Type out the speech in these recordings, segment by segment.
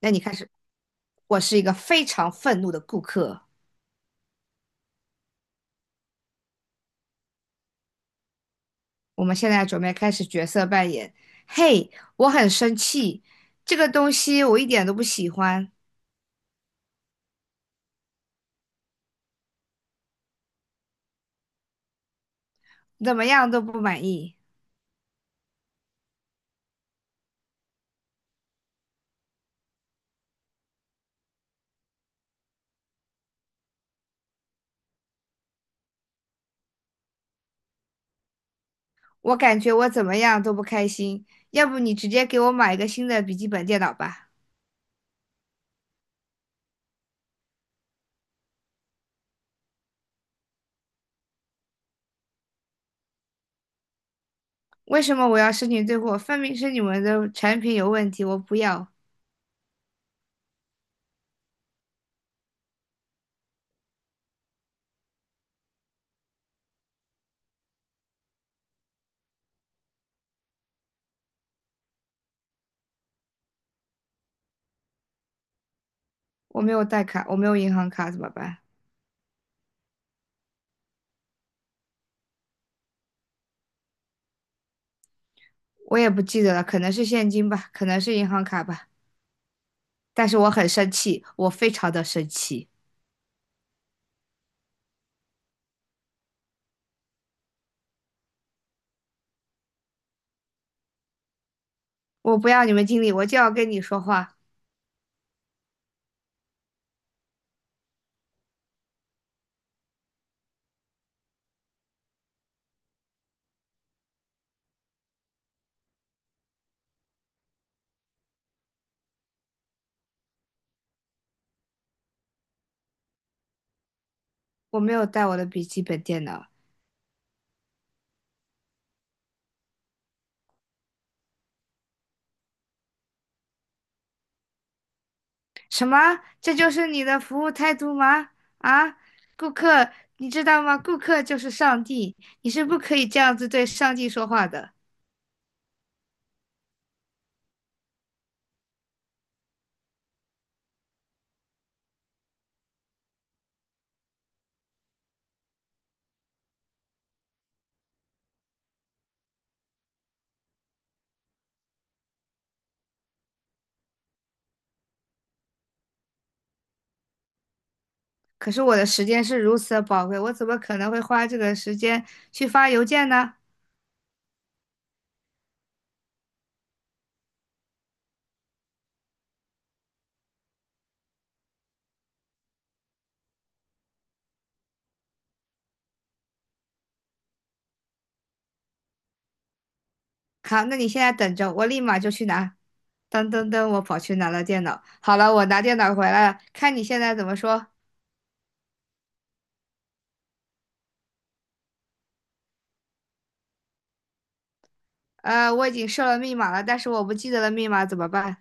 那你开始。我是一个非常愤怒的顾客。我们现在准备开始角色扮演。嘿，我很生气，这个东西我一点都不喜欢，怎么样都不满意。我感觉我怎么样都不开心。要不你直接给我买一个新的笔记本电脑吧？为什么我要申请退货？分明是你们的产品有问题，我不要。我没有带卡，我没有银行卡，怎么办？我也不记得了，可能是现金吧，可能是银行卡吧。但是我很生气，我非常的生气。我不要你们经理，我就要跟你说话。我没有带我的笔记本电脑。什么？这就是你的服务态度吗？啊，顾客，你知道吗？顾客就是上帝，你是不可以这样子对上帝说话的。可是我的时间是如此的宝贵，我怎么可能会花这个时间去发邮件呢？好，那你现在等着，我立马就去拿。噔噔噔，我跑去拿了电脑。好了，我拿电脑回来了，看你现在怎么说。我已经设了密码了，但是我不记得了密码怎么办？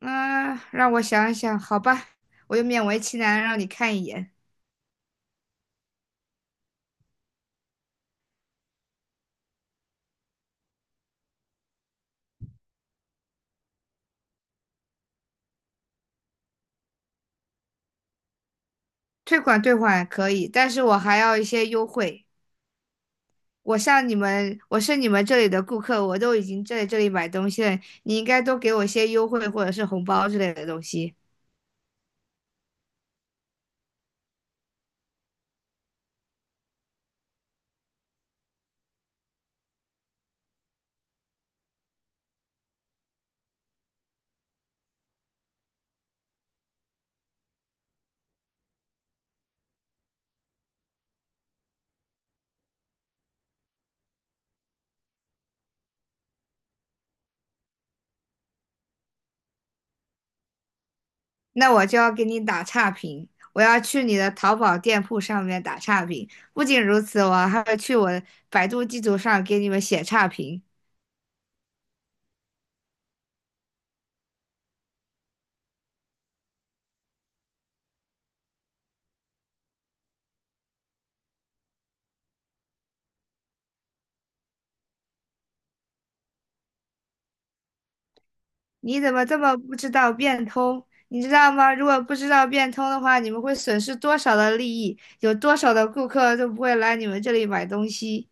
嗯，让我想一想，好吧，我就勉为其难让你看一眼。退款退款可以，但是我还要一些优惠。我像你们，我是你们这里的顾客，我都已经在这里买东西了，你应该多给我一些优惠或者是红包之类的东西。那我就要给你打差评，我要去你的淘宝店铺上面打差评。不仅如此，我还会去我百度地图上给你们写差评。你怎么这么不知道变通？你知道吗？如果不知道变通的话，你们会损失多少的利益？有多少的顾客都不会来你们这里买东西？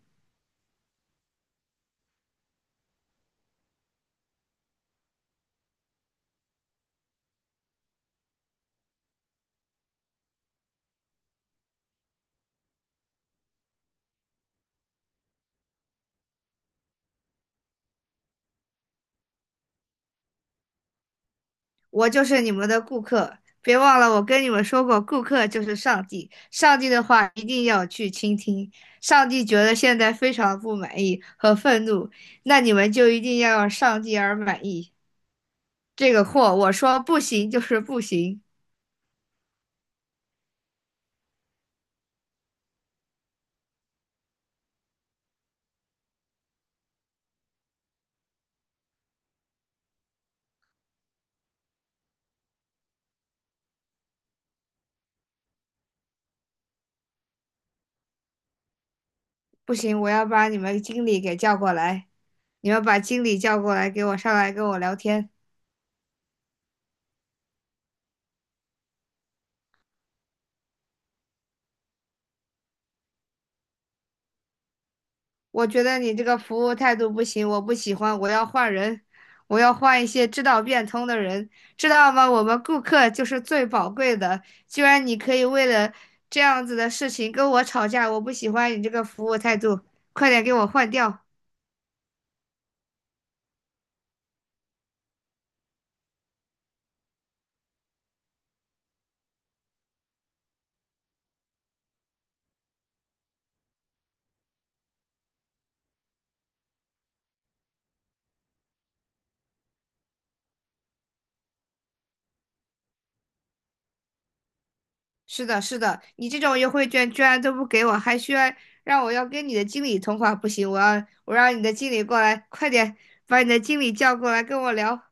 我就是你们的顾客，别忘了我跟你们说过，顾客就是上帝，上帝的话一定要去倾听。上帝觉得现在非常不满意和愤怒，那你们就一定要让上帝而满意。这个货，我说不行就是不行。不行，我要把你们经理给叫过来，你们把经理叫过来，给我上来跟我聊天。我觉得你这个服务态度不行，我不喜欢，我要换人，我要换一些知道变通的人，知道吗？我们顾客就是最宝贵的，居然你可以为了这样子的事情跟我吵架，我不喜欢你这个服务态度，快点给我换掉。是的，是的，你这种优惠券居然都不给我，还需要让我要跟你的经理通话，不行，我让你的经理过来，快点把你的经理叫过来跟我聊。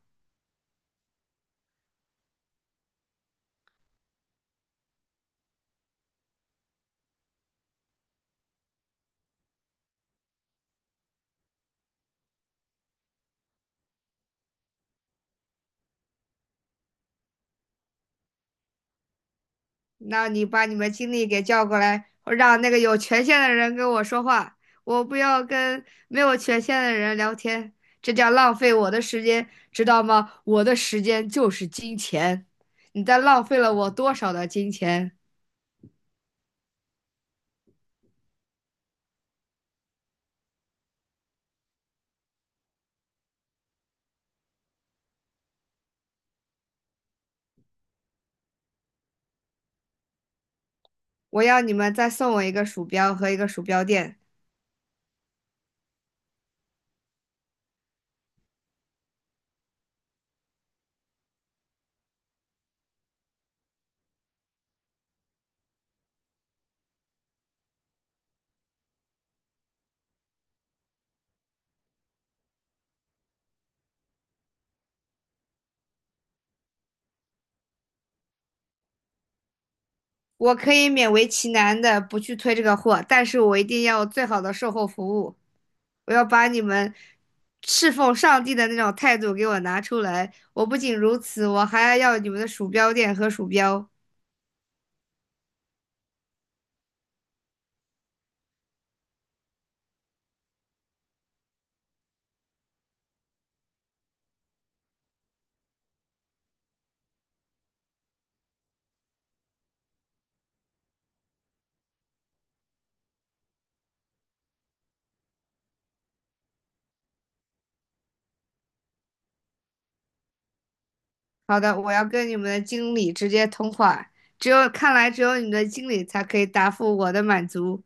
那你把你们经理给叫过来，让那个有权限的人跟我说话，我不要跟没有权限的人聊天，这叫浪费我的时间，知道吗？我的时间就是金钱，你在浪费了我多少的金钱？我要你们再送我一个鼠标和一个鼠标垫。我可以勉为其难的不去推这个货，但是我一定要有最好的售后服务。我要把你们侍奉上帝的那种态度给我拿出来。我不仅如此，我还要你们的鼠标垫和鼠标。好的，我要跟你们的经理直接通话。只有，看来只有你们的经理才可以答复我的满足。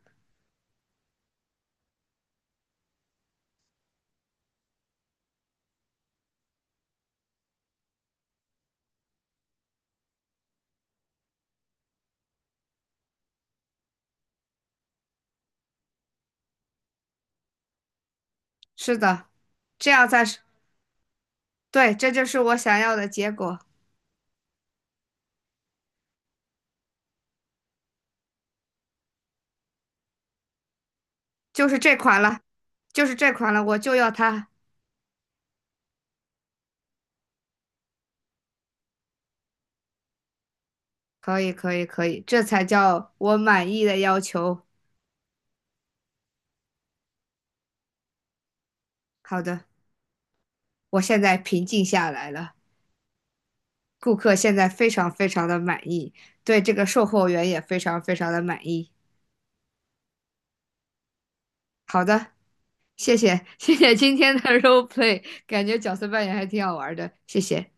是的，这样才是，对，这就是我想要的结果，就是这款了，就是这款了，我就要它。可以，可以，可以，这才叫我满意的要求。好的，我现在平静下来了，顾客现在非常非常的满意，对这个售后员也非常非常的满意。好的，谢谢，谢谢今天的 role play，感觉角色扮演还挺好玩的，谢谢。